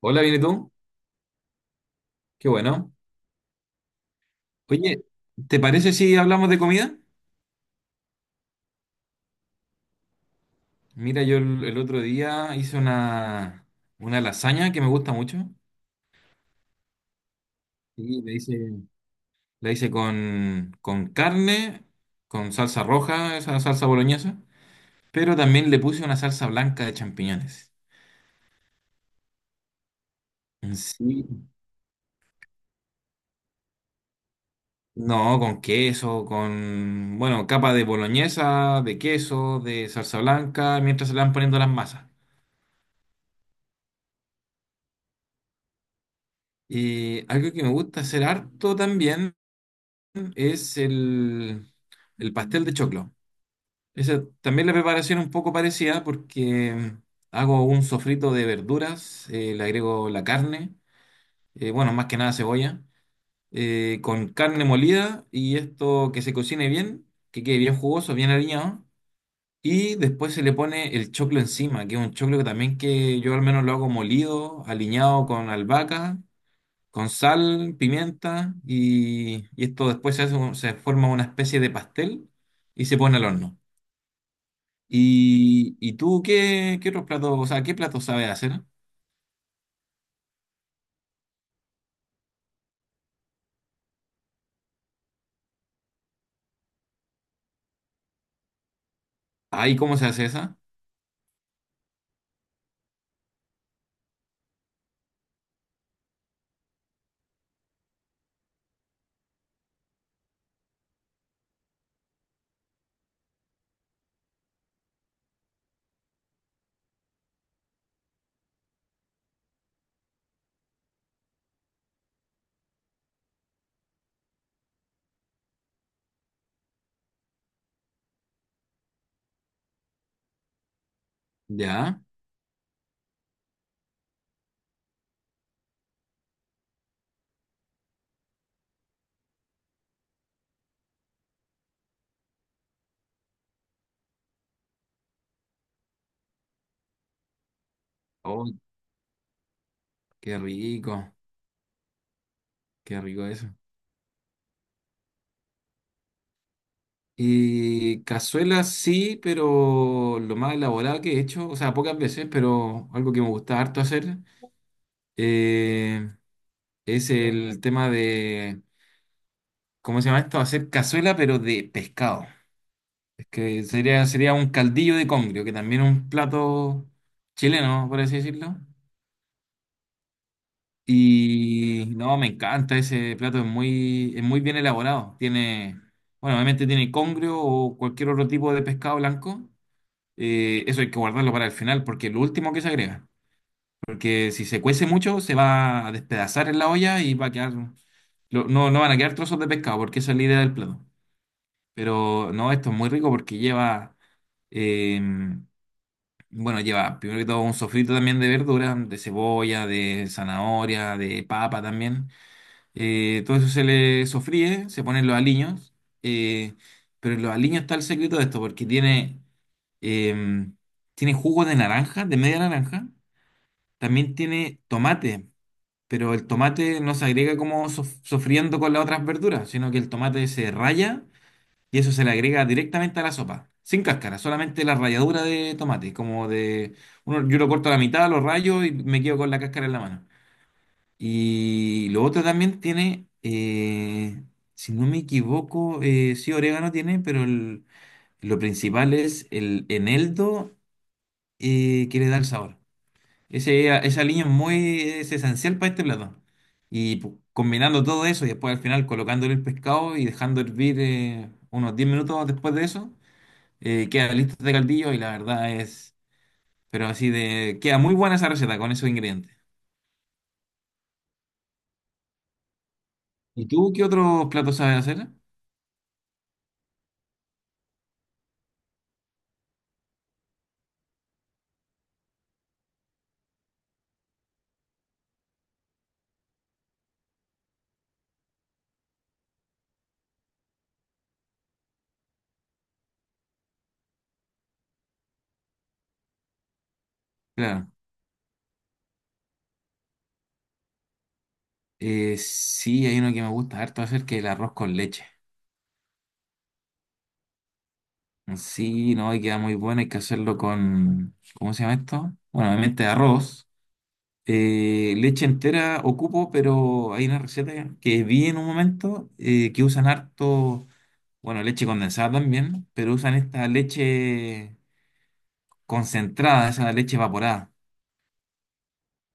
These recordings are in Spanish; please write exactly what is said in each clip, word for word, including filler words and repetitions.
Hola, ¿viene tú? Qué bueno. Oye, ¿te parece si hablamos de comida? Mira, yo el, el otro día hice una, una lasaña que me gusta mucho. Y la hice, la hice con, con carne, con salsa roja, esa salsa boloñesa, pero también le puse una salsa blanca de champiñones. Sí. No, con queso, con, bueno, capa de boloñesa, de queso, de salsa blanca, mientras se le van poniendo las masas. Y algo que me gusta hacer harto también. Es el, el pastel de choclo. Esa, también la preparación es un poco parecida porque hago un sofrito de verduras, eh, le agrego la carne, eh, bueno, más que nada cebolla, eh, con carne molida y esto que se cocine bien, que quede bien jugoso, bien aliñado. Y después se le pone el choclo encima, que es un choclo que también que yo al menos lo hago molido, aliñado con albahaca con sal, pimienta y, y esto después se hace un- se forma una especie de pastel y se pone al horno. ¿Y, y tú qué, qué otros platos, o sea, qué platos sabes hacer? Ay, ¿cómo se hace esa? Ya. Oh, qué rico, qué rico eso. Y cazuelas sí, pero lo más elaborado que he hecho, o sea, pocas veces, pero algo que me gusta harto hacer, eh, es el tema de, ¿cómo se llama esto? Hacer cazuela, pero de pescado. Que sería, sería un caldillo de congrio, que también es un plato chileno, por así decirlo. Y no, me encanta ese plato, es muy, es muy bien elaborado. Tiene, bueno, obviamente tiene congrio o cualquier otro tipo de pescado blanco. Eh, eso hay que guardarlo para el final, porque es lo último que se agrega. Porque si se cuece mucho, se va a despedazar en la olla y va a quedar, lo- no, no van a quedar trozos de pescado, porque esa es la idea del plato. Pero no, esto es muy rico porque lleva, em, bueno, lleva primero que todo un sofrito también de verduras, de cebolla, de zanahoria, de papa también. Eh, todo eso se le sofríe, se ponen los aliños. eh, pero en los aliños está el secreto de esto, porque tiene, em, tiene jugo de naranja, de media naranja. También tiene tomate, pero el tomate no se agrega como sof- sofriendo con las otras verduras, sino que el tomate se raya y eso se le agrega directamente a la sopa, sin cáscara, solamente la ralladura de tomate, como de... uno- yo lo corto a la mitad, lo rayo y me quedo con la cáscara en la mano. Y lo otro también tiene, eh, si no me equivoco, eh, sí orégano tiene, pero el- lo principal es el eneldo eh, que le da el sabor. Ese, esa aliño es muy, es esencial para este plato. Y pu- combinando todo eso y después al final colocándole el pescado y dejando hervir eh, unos diez minutos después de eso eh, queda listo este caldillo y la verdad es, pero así de, queda muy buena esa receta con esos ingredientes. ¿Y tú qué otros platos sabes hacer? Claro, eh, sí, hay uno que me gusta harto hacer que es el arroz con leche. Sí, no, y queda muy bueno, hay que hacerlo con, ¿cómo se llama esto? Bueno, obviamente arroz. Eh, leche entera ocupo, pero hay una receta que vi en un momento eh, que usan harto, bueno, leche condensada también, pero usan esta leche concentrada, esa leche evaporada.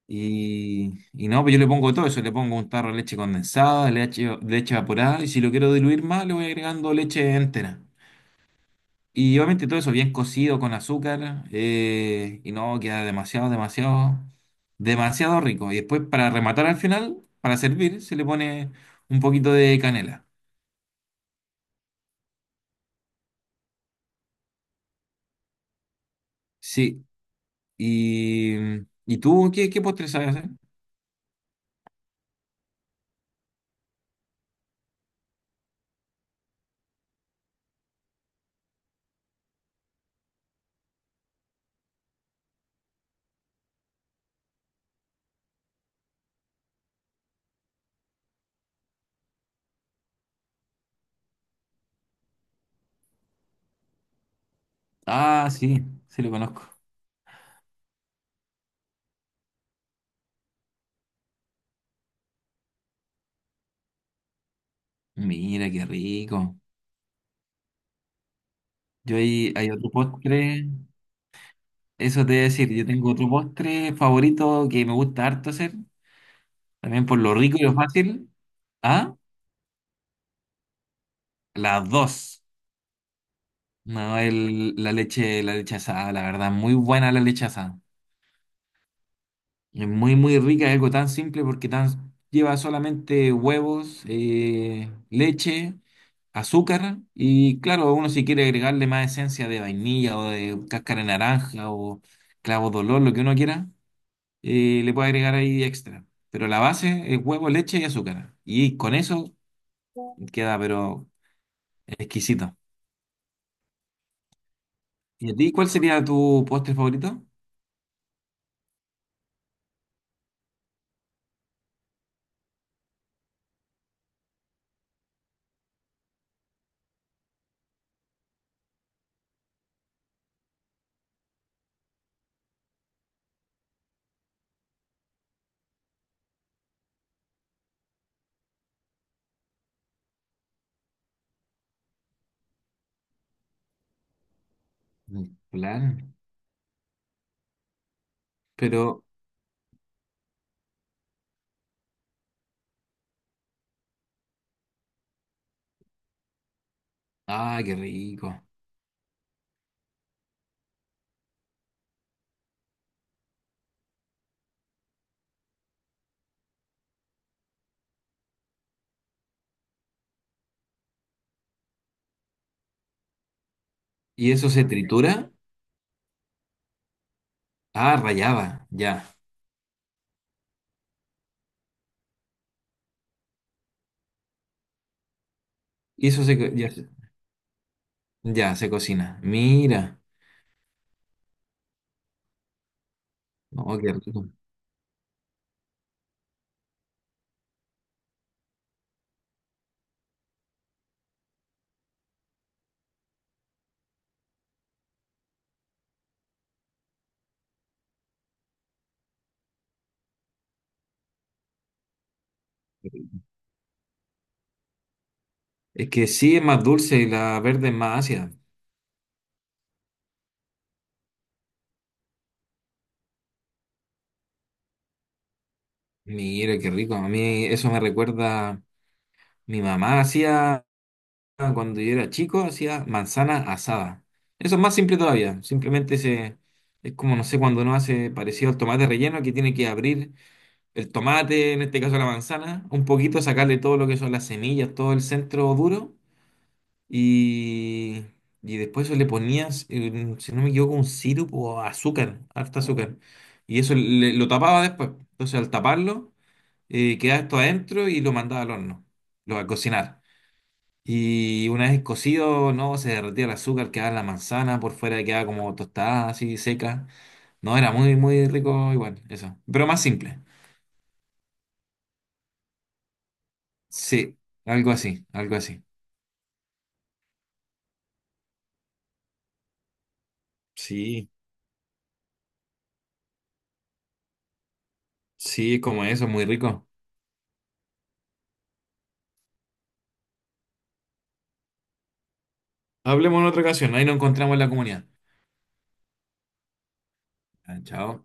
Y, y no, pues yo le pongo todo eso, le pongo un tarro de leche condensada, leche, leche evaporada, y si lo quiero diluir más, le voy agregando leche entera. Y obviamente todo eso bien cocido con azúcar, eh, y no, queda demasiado, demasiado, demasiado rico. Y después para rematar al final, para servir, se le pone un poquito de canela. Sí, y, ¿y tú qué, qué postre sabes hacer? Ah, sí, sí lo conozco. Mira, qué rico. Yo ahí hay otro postre. Eso te voy a decir, yo tengo otro postre favorito que me gusta harto hacer, también por lo rico y lo fácil. ¿Ah? Las dos. No, el, la leche, la leche asada, la verdad, muy buena la leche asada. Es muy, muy rica, es algo tan simple porque tan, lleva solamente huevos, eh, leche, azúcar y claro, uno si quiere agregarle más esencia de vainilla o de cáscara de naranja o clavo de olor, lo que uno quiera. Eh, le puede agregar ahí extra. Pero la base es huevo, leche y azúcar. Y con eso queda, pero exquisito. ¿Y a ti cuál sería tu postre favorito? Mm, claro. Pero, ah, qué rico. ¿Y eso se tritura? Ah, rallaba, ya. Y eso se, co- ya, se- ya se cocina. Mira. Oh, qué rico. Es que sí es más dulce y la verde es más ácida. Mira, qué rico. A mí eso me recuerda, mi mamá hacía ah, cuando yo era chico, hacía manzana asada. Eso es más simple todavía. Simplemente se, es como, no sé, cuando uno hace parecido al tomate relleno, que tiene que abrir el tomate, en este caso la manzana, un poquito, sacarle todo lo que son las semillas, todo el centro duro. Y, y después eso le ponías, eh, si no me equivoco, un sirope o azúcar, harta azúcar. Y eso le- lo tapaba después. Entonces al taparlo, eh, quedaba esto adentro y lo mandaba al horno, lo a cocinar. Y una vez cocido, no, se derretía el azúcar, quedaba la manzana, por fuera quedaba como tostada, así seca. No, era muy, muy rico igual, eso. Pero más simple. Sí, algo así, algo así. Sí, sí, como eso, muy rico. Hablemos en otra ocasión, ahí nos encontramos en la comunidad. Ah, chao.